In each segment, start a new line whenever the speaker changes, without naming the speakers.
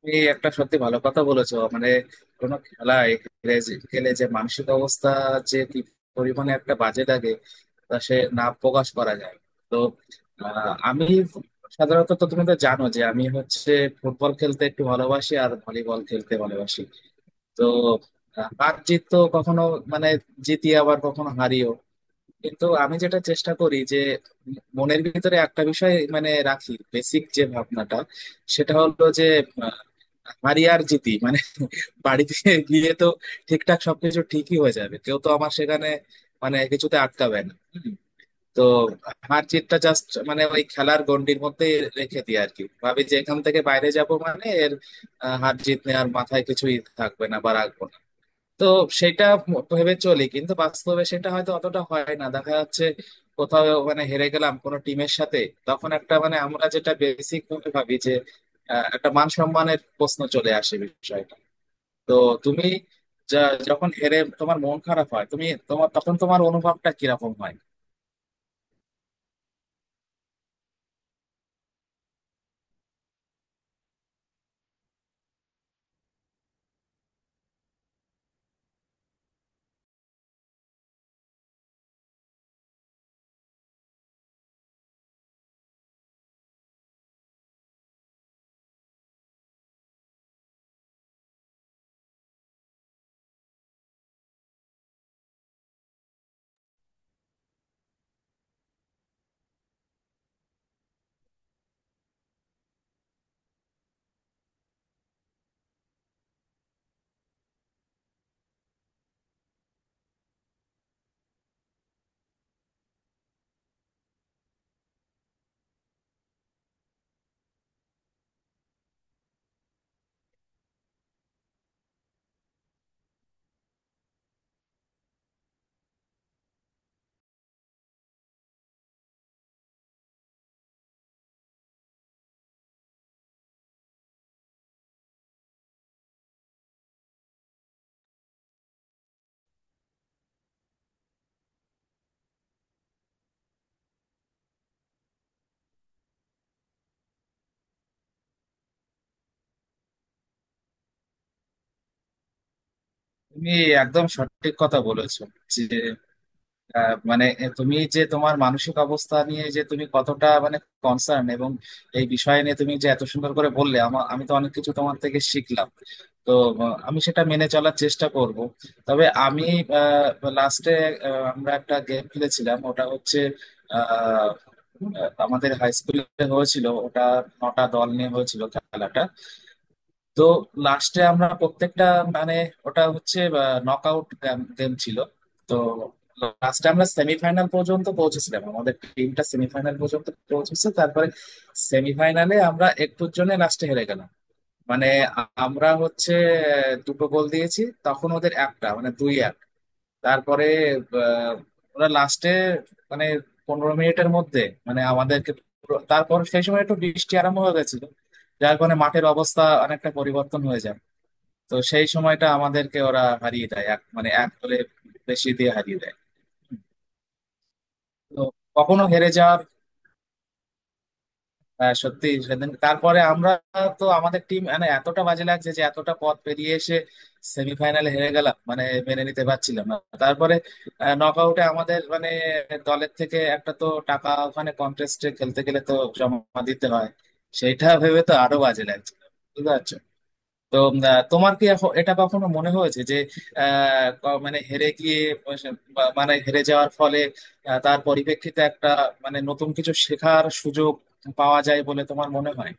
তুমি একটা সত্যি ভালো কথা বলেছো মানে কোনো খেলায় খেলে যে মানসিক অবস্থা যে কি পরিমাণে একটা বাজে লাগে তা সে না প্রকাশ করা যায়। তো আমি সাধারণত তো তুমি তো জানো যে আমি হচ্ছে ফুটবল খেলতে একটু ভালোবাসি আর ভলিবল খেলতে ভালোবাসি। তো হার জিত তো কখনো মানে জিতি আবার কখনো হারি, কিন্তু আমি যেটা চেষ্টা করি যে মনের ভিতরে একটা বিষয় মানে রাখি, বেসিক যে ভাবনাটা সেটা হলো যে আহ, হারি আর জিতি মানে বাড়িতে গিয়ে তো ঠিকঠাক সবকিছু ঠিকই হয়ে যাবে, কেউ তো আমার সেখানে মানে কিছুতে আটকাবে না। হুম। তো হার জিতটা জাস্ট মানে ওই খেলার গণ্ডির মধ্যে রেখে দিই আর কি, ভাবি যে এখান থেকে বাইরে যাব মানে এর হার জিত নেওয়ার মাথায় কিছুই থাকবে না বা রাখবো না। তো সেটা ভেবে চলি, কিন্তু বাস্তবে সেটা হয়তো অতটা হয় না, দেখা যাচ্ছে কোথাও মানে হেরে গেলাম কোনো টিমের সাথে, তখন একটা মানে আমরা যেটা বেসিক ভাবে ভাবি যে একটা মান সম্মানের প্রশ্ন চলে আসে বিষয়টা। তো তুমি যা- যখন হেরে তোমার মন খারাপ হয় তুমি তোমার তখন তোমার অনুভবটা কিরকম হয়? তুমি একদম সঠিক কথা বলেছো যে মানে তুমি যে তোমার মানসিক অবস্থা নিয়ে যে তুমি কতটা মানে কনসার্ন, এবং এই বিষয় নিয়ে তুমি যে এত সুন্দর করে বললে, আমার আমি তো অনেক কিছু তোমার থেকে শিখলাম। তো আমি সেটা মেনে চলার চেষ্টা করব। তবে আমি লাস্টে আমরা একটা গেম খেলেছিলাম, ওটা হচ্ছে আহ, আহ, আমাদের হাই স্কুলে হয়েছিল ওটা। 9টা দল নিয়ে হয়েছিল খেলাটা। তো লাস্টে আমরা প্রত্যেকটা মানে ওটা হচ্ছে নক আউট গেম ছিল। তো লাস্টে আমরা সেমিফাইনাল পর্যন্ত পৌঁছেছিলাম, আমাদের টিমটা সেমিফাইনাল পর্যন্ত পৌঁছেছে, তারপরে সেমিফাইনালে আমরা একটুর জন্য লাস্টে হেরে গেলাম। মানে আমরা হচ্ছে দুটো গোল দিয়েছি, তখন ওদের একটা, মানে 2-1। তারপরে আহ, ওরা লাস্টে মানে 15 মিনিটের মধ্যে মানে আমাদেরকে তারপর সেই সময় একটু বৃষ্টি আরম্ভ হয়ে গেছিল, যার কারণে মাঠের অবস্থা অনেকটা পরিবর্তন হয়ে যায়। তো সেই সময়টা আমাদেরকে ওরা হারিয়ে দেয় এক মানে 1 গোলে বেশি দিয়ে হারিয়ে দেয়। তো কখনো হেরে যাওয়ার সত্যি সেদিন তারপরে আমরা তো আমাদের টিম মানে এতটা বাজে লাগছে যে এতটা পথ পেরিয়ে এসে সেমিফাইনালে হেরে গেলাম, মানে মেনে নিতে পারছিলাম না। তারপরে নক আউটে আমাদের মানে দলের থেকে একটা তো টাকা ওখানে কন্টেস্টে খেলতে গেলে তো জমা দিতে হয়, সেইটা ভেবে তো আরো বাজে লাগছে, বুঝতে পারছো? তো তোমার কি এটা কখনো মনে হয়েছে যে মানে হেরে গিয়ে মানে হেরে যাওয়ার ফলে তার পরিপ্রেক্ষিতে একটা মানে নতুন কিছু শেখার সুযোগ পাওয়া যায় বলে তোমার মনে হয়?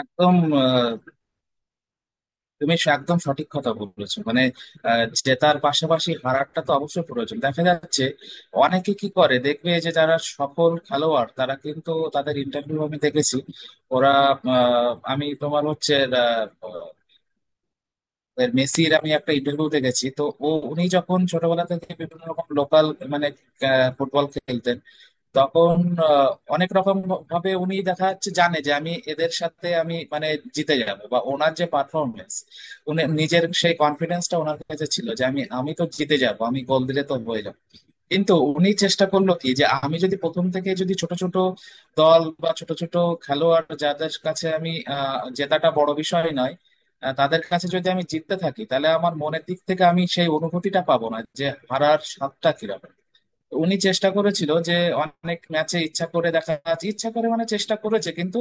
একদম আহ, তুমি একদম সঠিক কথা বলেছো। মানে জেতার পাশাপাশি হারাটা তো অবশ্যই প্রয়োজন, দেখা যাচ্ছে অনেকে কি করে দেখবে যে যারা সফল খেলোয়াড় তারা কিন্তু তাদের ইন্টারভিউ আমি দেখেছি ওরা আমি তোমার হচ্ছে এবার মেসির আমি একটা ইন্টারভিউ দেখেছি। তো ও উনি যখন ছোটবেলা থেকে বিভিন্ন রকম লোকাল মানে ফুটবল খেলতেন তখন অনেক রকম ভাবে উনি দেখা যাচ্ছে জানে যে আমি এদের সাথে আমি মানে জিতে যাব বা ওনার যে পারফরমেন্স, উনি নিজের সেই কনফিডেন্সটা ওনার কাছে ছিল যে আমি আমি তো জিতে যাব, আমি গোল দিলে তো হয়ে যাবো। কিন্তু উনি চেষ্টা করলো কি যে আমি যদি প্রথম থেকে যদি ছোট ছোট দল বা ছোট ছোট খেলোয়াড় যাদের কাছে আমি জেতাটা বড় বিষয় নয়, তাদের কাছে যদি আমি জিততে থাকি তাহলে আমার মনের দিক থেকে আমি সেই অনুভূতিটা পাবো না যে হারার স্বাদটা কিরকম। উনি চেষ্টা করেছিল যে অনেক ম্যাচে ইচ্ছা করে দেখা যাচ্ছে ইচ্ছা করে মানে চেষ্টা করেছে, কিন্তু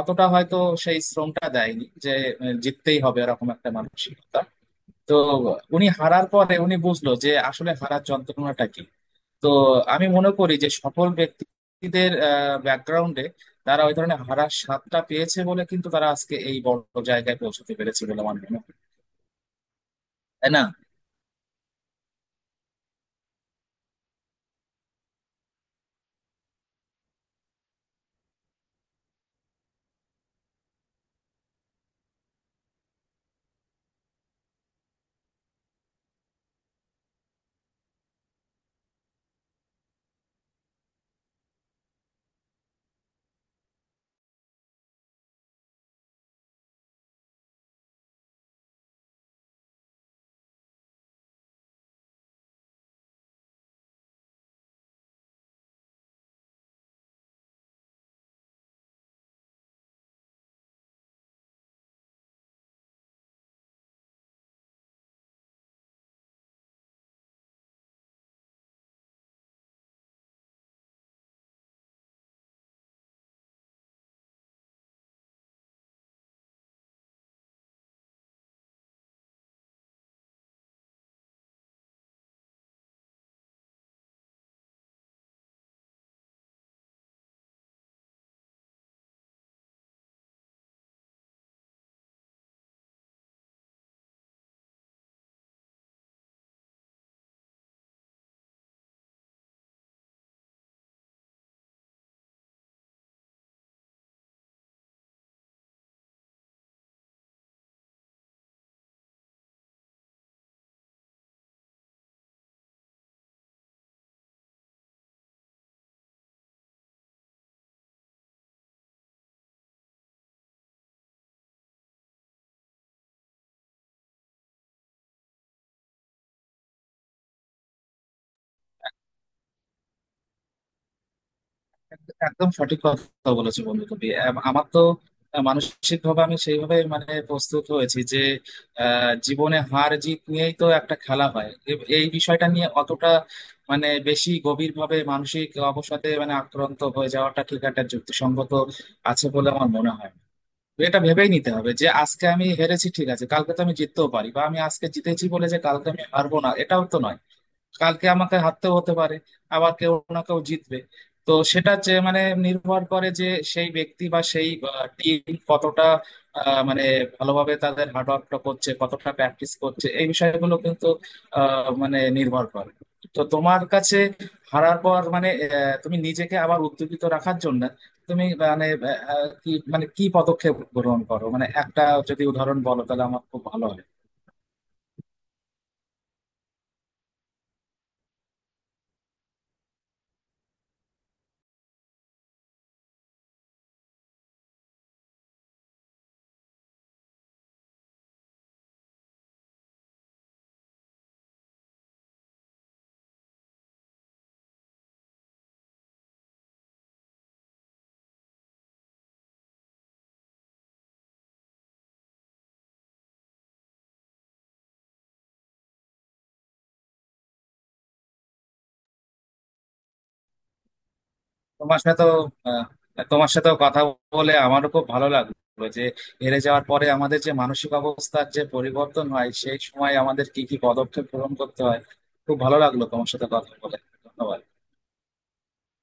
অতটা হয়তো সেই শ্রমটা দেয়নি যে জিততেই হবে এরকম একটা মানসিকতা। তো উনি হারার পরে উনি বুঝলো যে আসলে হারার যন্ত্রণাটা কি। তো আমি মনে করি যে সফল ব্যক্তিদের ব্যাকগ্রাউন্ডে তারা ওই ধরনের হারার স্বাদটা পেয়েছে বলে কিন্তু তারা আজকে এই বড় জায়গায় পৌঁছতে পেরেছে বলে আমার মনে হয়। তাই না? একদম সঠিক কথা বলেছো বন্ধু তুমি। আমার তো মানসিক ভাবে আমি সেইভাবে মানে প্রস্তুত হয়েছি যে জীবনে হার জিত নিয়েই তো একটা খেলা হয়। এই বিষয়টা নিয়ে অতটা মানে বেশি গভীর ভাবে মানসিক অবসাদে মানে আক্রান্ত হয়ে যাওয়াটা ঠিক একটা যুক্তিসঙ্গত আছে বলে আমার মনে হয় না। তো এটা ভেবেই নিতে হবে যে আজকে আমি হেরেছি, ঠিক আছে, কালকে তো আমি জিততেও পারি, বা আমি আজকে জিতেছি বলে যে কালকে আমি হারবো না এটাও তো নয়, কালকে আমাকে হারতেও হতে পারে, আবার কেউ না কেউ জিতবে। তো সেটা যে মানে নির্ভর করে যে সেই ব্যক্তি বা সেই টিম কতটা মানে ভালোভাবে তাদের হার্ডওয়ার্কটা করছে, কতটা প্র্যাকটিস করছে, এই বিষয়গুলো কিন্তু মানে নির্ভর করে। তো তোমার কাছে হারার পর মানে তুমি নিজেকে আবার উদ্যোগিত রাখার জন্য তুমি মানে কি মানে কি পদক্ষেপ গ্রহণ করো, মানে একটা যদি উদাহরণ বলো তাহলে আমার খুব ভালো হয়। তোমার সাথেও আহ, তোমার সাথেও কথা বলে আমারও খুব ভালো লাগলো যে হেরে যাওয়ার পরে আমাদের যে মানসিক অবস্থার যে পরিবর্তন হয় সেই সময় আমাদের কি কি পদক্ষেপ গ্রহণ করতে হয়। খুব ভালো লাগলো তোমার সাথে কথা বলে। ধন্যবাদ।